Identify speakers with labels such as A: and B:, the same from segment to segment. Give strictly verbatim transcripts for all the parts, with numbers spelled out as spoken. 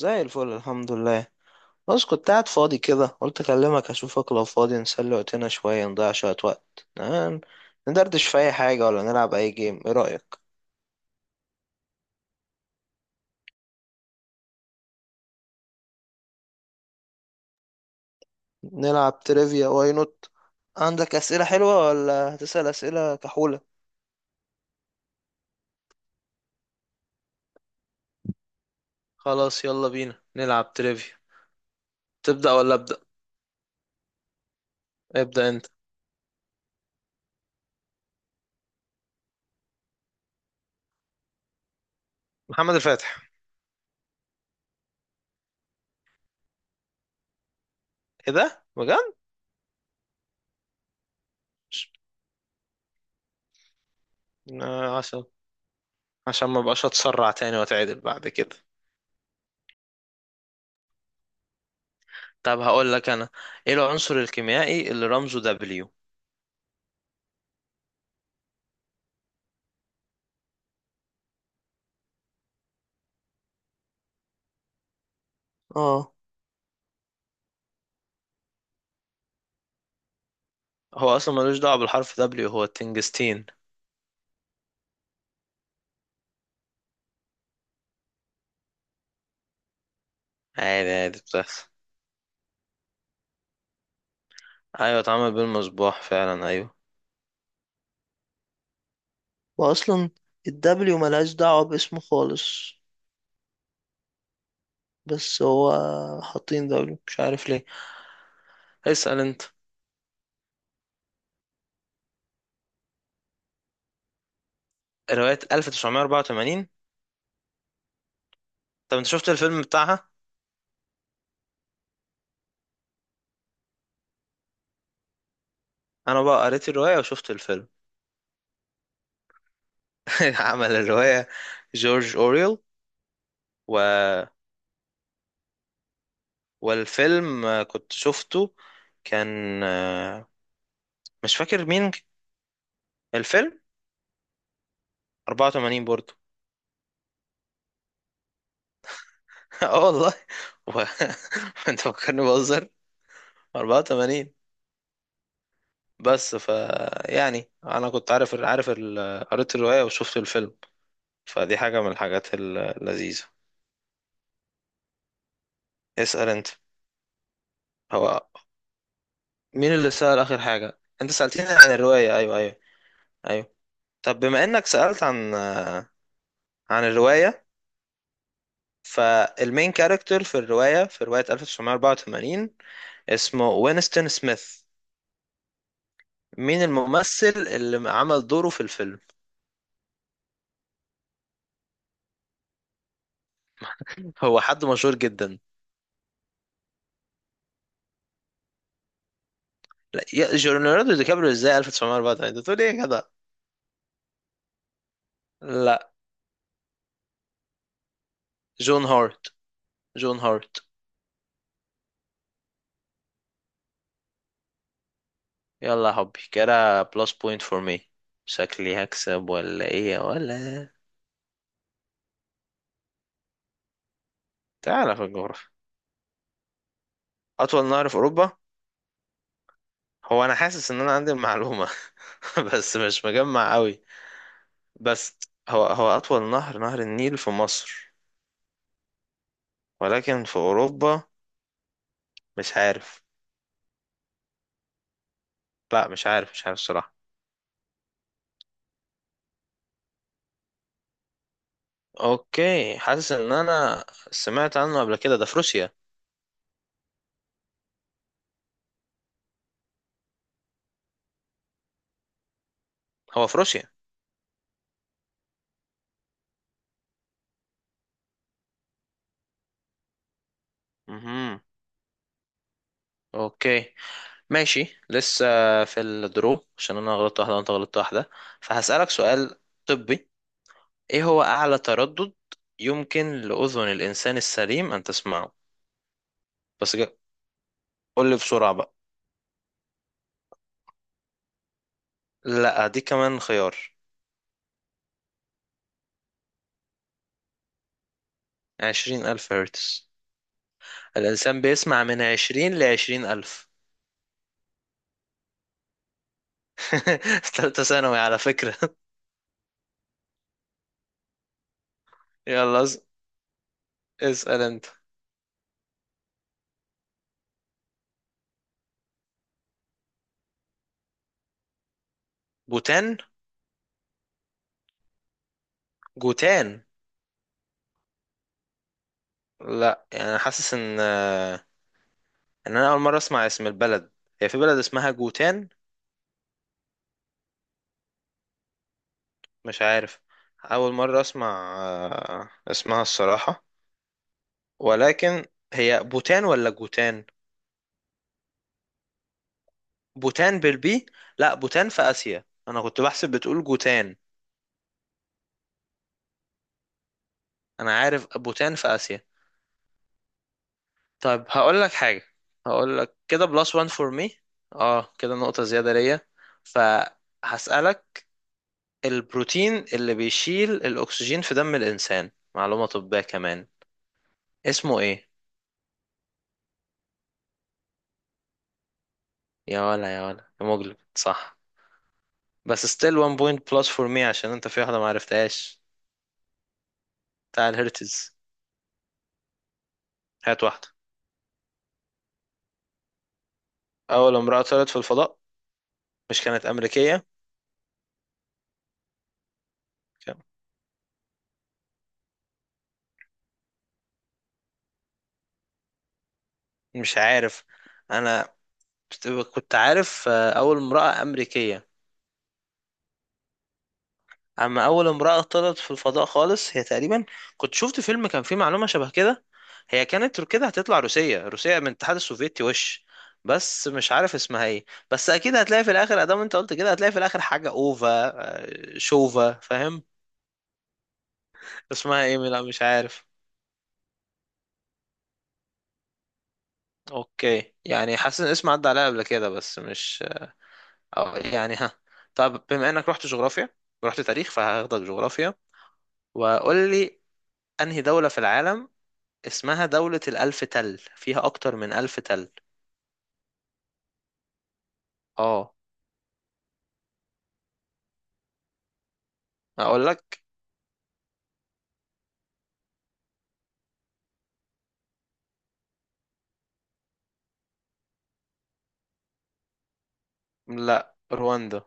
A: زي الفل الحمد لله. بس كنت قاعد فاضي كده، قلت اكلمك اشوفك لو فاضي، نسلي وقتنا شوية، نضيع شوية وقت. نعم، ندردش في اي حاجة ولا نلعب اي جيم، ايه رأيك؟ نلعب تريفيا واي نوت. عندك اسئلة حلوة ولا هتسأل اسئلة كحولة؟ خلاص يلا بينا نلعب تريفيا. تبدأ ولا أبدأ؟ ابدأ انت. محمد الفاتح. ايه ده بجد؟ آه، عشان عشان ما بقاش اتسرع تاني واتعدل بعد كده. طب هقول لك انا، ايه العنصر الكيميائي اللي رمزه دبليو؟ اه، هو اصلا ملوش دعوه بالحرف دبليو، هو التنجستين. عادي عادي، بتحصل. ايوه اتعمل بالمصباح فعلا، ايوه. واصلا الدبليو ملهاش دعوة باسمه خالص. بس هو حاطين دبليو مش عارف ليه. اسال انت. روايه ألف تسعمية اربعة وتمانين. طب انت شفت الفيلم بتاعها؟ انا بقى قريت الروايه وشفت الفيلم. عمل الروايه جورج اوريل. و... والفيلم آه، كنت شفته. كان آه، مش فاكر مين الفيلم. أربعة وثمانين برضه. اه والله. و... انت فكرني بهزر. اربعة وتمانين. بس ف يعني انا كنت عارف، عارف ال... قريت الرواية وشفت الفيلم، فدي حاجة من الحاجات ال- اللذيذة. اسأل انت. هو مين اللي سأل آخر حاجة؟ انت سألتني عن الرواية، ايوه ايوه ايوه. طب بما انك سألت عن عن الرواية، فالمين كاركتر في الرواية، في رواية ألف تسعمية اربعة وتمانين، اسمه وينستون سميث؟ مين الممثل اللي عمل دوره في الفيلم؟ هو حد مشهور جدا. لا يا- جو- ليوناردو دي كابريو ازاي ألف وتسعمئة وأربعة، انت بتقول ايه يا جدع؟ لا. جون هارت. جون هارت. يلا يا حبي، كده بلس بوينت فور مي. شكلي هكسب ولا ايه يا ولا؟ تعالى في الجغرافيا. اطول نهر في اوروبا. هو انا حاسس ان انا عندي المعلومة بس مش مجمع قوي. بس هو هو اطول نهر، نهر النيل في مصر، ولكن في اوروبا مش عارف. لا مش عارف، مش عارف الصراحة. اوكي، حاسس ان انا سمعت عنه قبل كده، ده في روسيا. هو في روسيا. مهم. اوكي ماشي. لسه في الدرو، عشان انا غلطت واحده وانت غلطت واحده، فهسألك سؤال طبي. ايه هو اعلى تردد يمكن لاذن الانسان السليم ان تسمعه؟ بس جا- قول لي بسرعه بقى. لا دي كمان خيار. عشرين الف هرتز. الانسان بيسمع من عشرين لعشرين الف. ثالثه ثانوي على فكره. يلا اس- اسأل انت. بوتان. جوتان. لا، يعني أنا حاسس ان آه، ان انا اول مره اسمع اسم البلد. هي في بلد اسمها جوتان؟ مش عارف. أول مرة أسمع آه، اسمها الصراحة. ولكن هي بوتان ولا جوتان؟ بوتان بالبي. لا، بوتان في آسيا، أنا كنت بحسب بتقول جوتان. أنا عارف بوتان في آسيا. طيب هقول لك حاجة. هقول لك كده بلس وان فور مي. اه كده نقطة زيادة ليا. فهسألك، البروتين اللي بيشيل الأكسجين في دم الإنسان، معلومة طبية كمان، اسمه إيه؟ يا ولا، يا ولا، يا مجلب، صح. بس still one point plus for me عشان انت في واحدة ما عرفتهاش، بتاع الهرتز. هات واحدة. أول امرأة طلعت في الفضاء، مش كانت أمريكية؟ كان- مش عارف. أنا كنت عارف آه، أول امرأة أمريكية، أما أول امرأة طلعت في الفضاء خالص هي تقريبا، كنت شفت فيلم كان فيه معلومة شبه كده، هي كانت كده هتطلع روسية، روسية من الاتحاد السوفيتي وش، بس مش عارف اسمها ايه. بس اكيد هتلاقي في الاخر، ادام انت قلت كده هتلاقي في الاخر حاجة اوفا. آه، شوفا فاهم. اسمها ايه؟ لا مش عارف. اوكي، يعني حاسس ان اسم عدى عليها قبل كده بس مش، أو يعني ها. طب بما انك رحت جغرافيا ورحت تاريخ، فهاخدك جغرافيا. وقول لي، انهي دولة في العالم اسمها دولة الألف تل، فيها اكتر من ألف تل؟ اه اقول لك، لا، رواندا.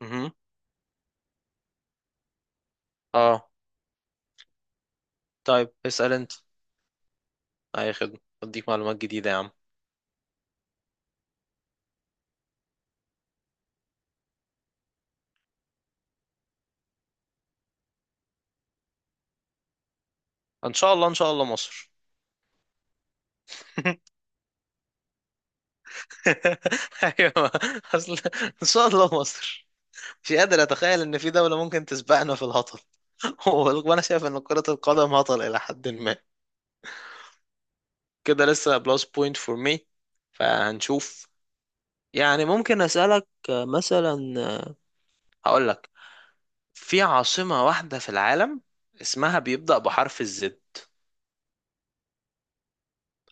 A: مهم. اه. طيب اسأل انت. اي خدمة، اديك معلومات جديدة يا عم. ان شاء الله ان شاء الله مصر. ايوه، اصل ان شاء الله مصر، مش قادر اتخيل ان في دولة ممكن تسبقنا في الهطل. وانا شايف ان كرة القدم هطل الى حد ما. كده لسه بلس بوينت فور مي، فهنشوف. يعني ممكن اسألك آه، مثلا، آه، هقول لك في عاصمة واحدة في العالم اسمها بيبدأ بحرف الزد.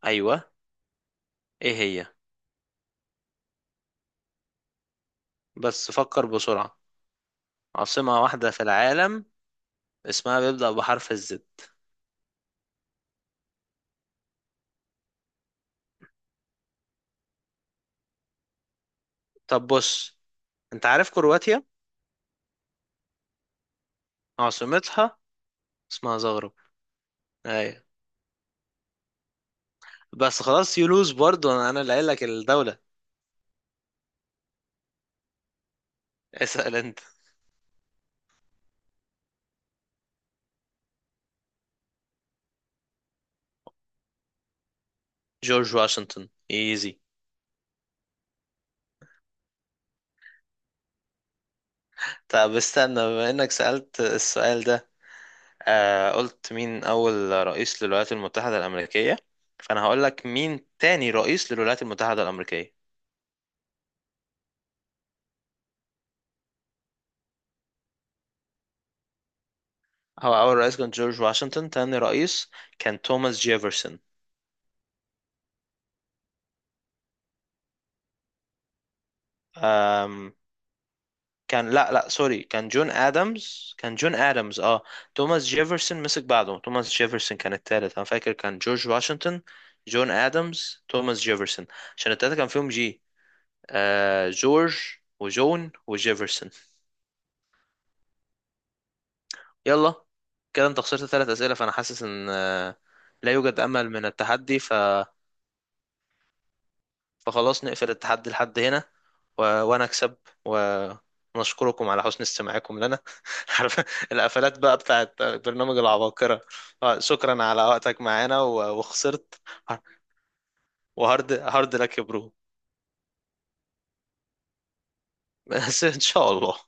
A: ايوه، ايه هي؟ بس فكر بسرعة. عاصمة واحدة في العالم اسمها بيبدأ بحرف الزد. طب بص، انت عارف كرواتيا؟ عاصمتها اسمها زغرب، ايوه. بس خلاص يلوز برضو، انا أنا اللي قايل لك الدولة. اسأل انت. جورج واشنطن، ايزي. طب استنى، بما انك سألت السؤال ده، آه قلت مين اول رئيس للولايات المتحدة الامريكية، فانا هقول لك مين تاني رئيس للولايات المتحدة الامريكية. هو اول رئيس كان جورج واشنطن، تاني رئيس كان توماس جيفرسون. كان، لا لا سوري، كان جون ادمز، كان جون ادمز اه. توماس جيفرسون مسك بعده، توماس جيفرسون كان التالت. انا فاكر كان جورج واشنطن، جون ادمز، توماس جيفرسون، عشان التلاتة كان فيهم جي. آه جورج وجون وجيفرسون. يلا. كده انت خسرت ثلاث اسئله، فانا حاسس ان آه، لا يوجد امل من التحدي، ف فخلاص نقفل التحدي لحد هنا. و... وانا اكسب. و- ونشكركم على حسن استماعكم لنا. عارف القفلات بقى بتاعت برنامج العباقرة. آه، شكرا على وقتك معانا، و... وخسرت. وهارد هارد لك يا برو. بس ان شاء الله.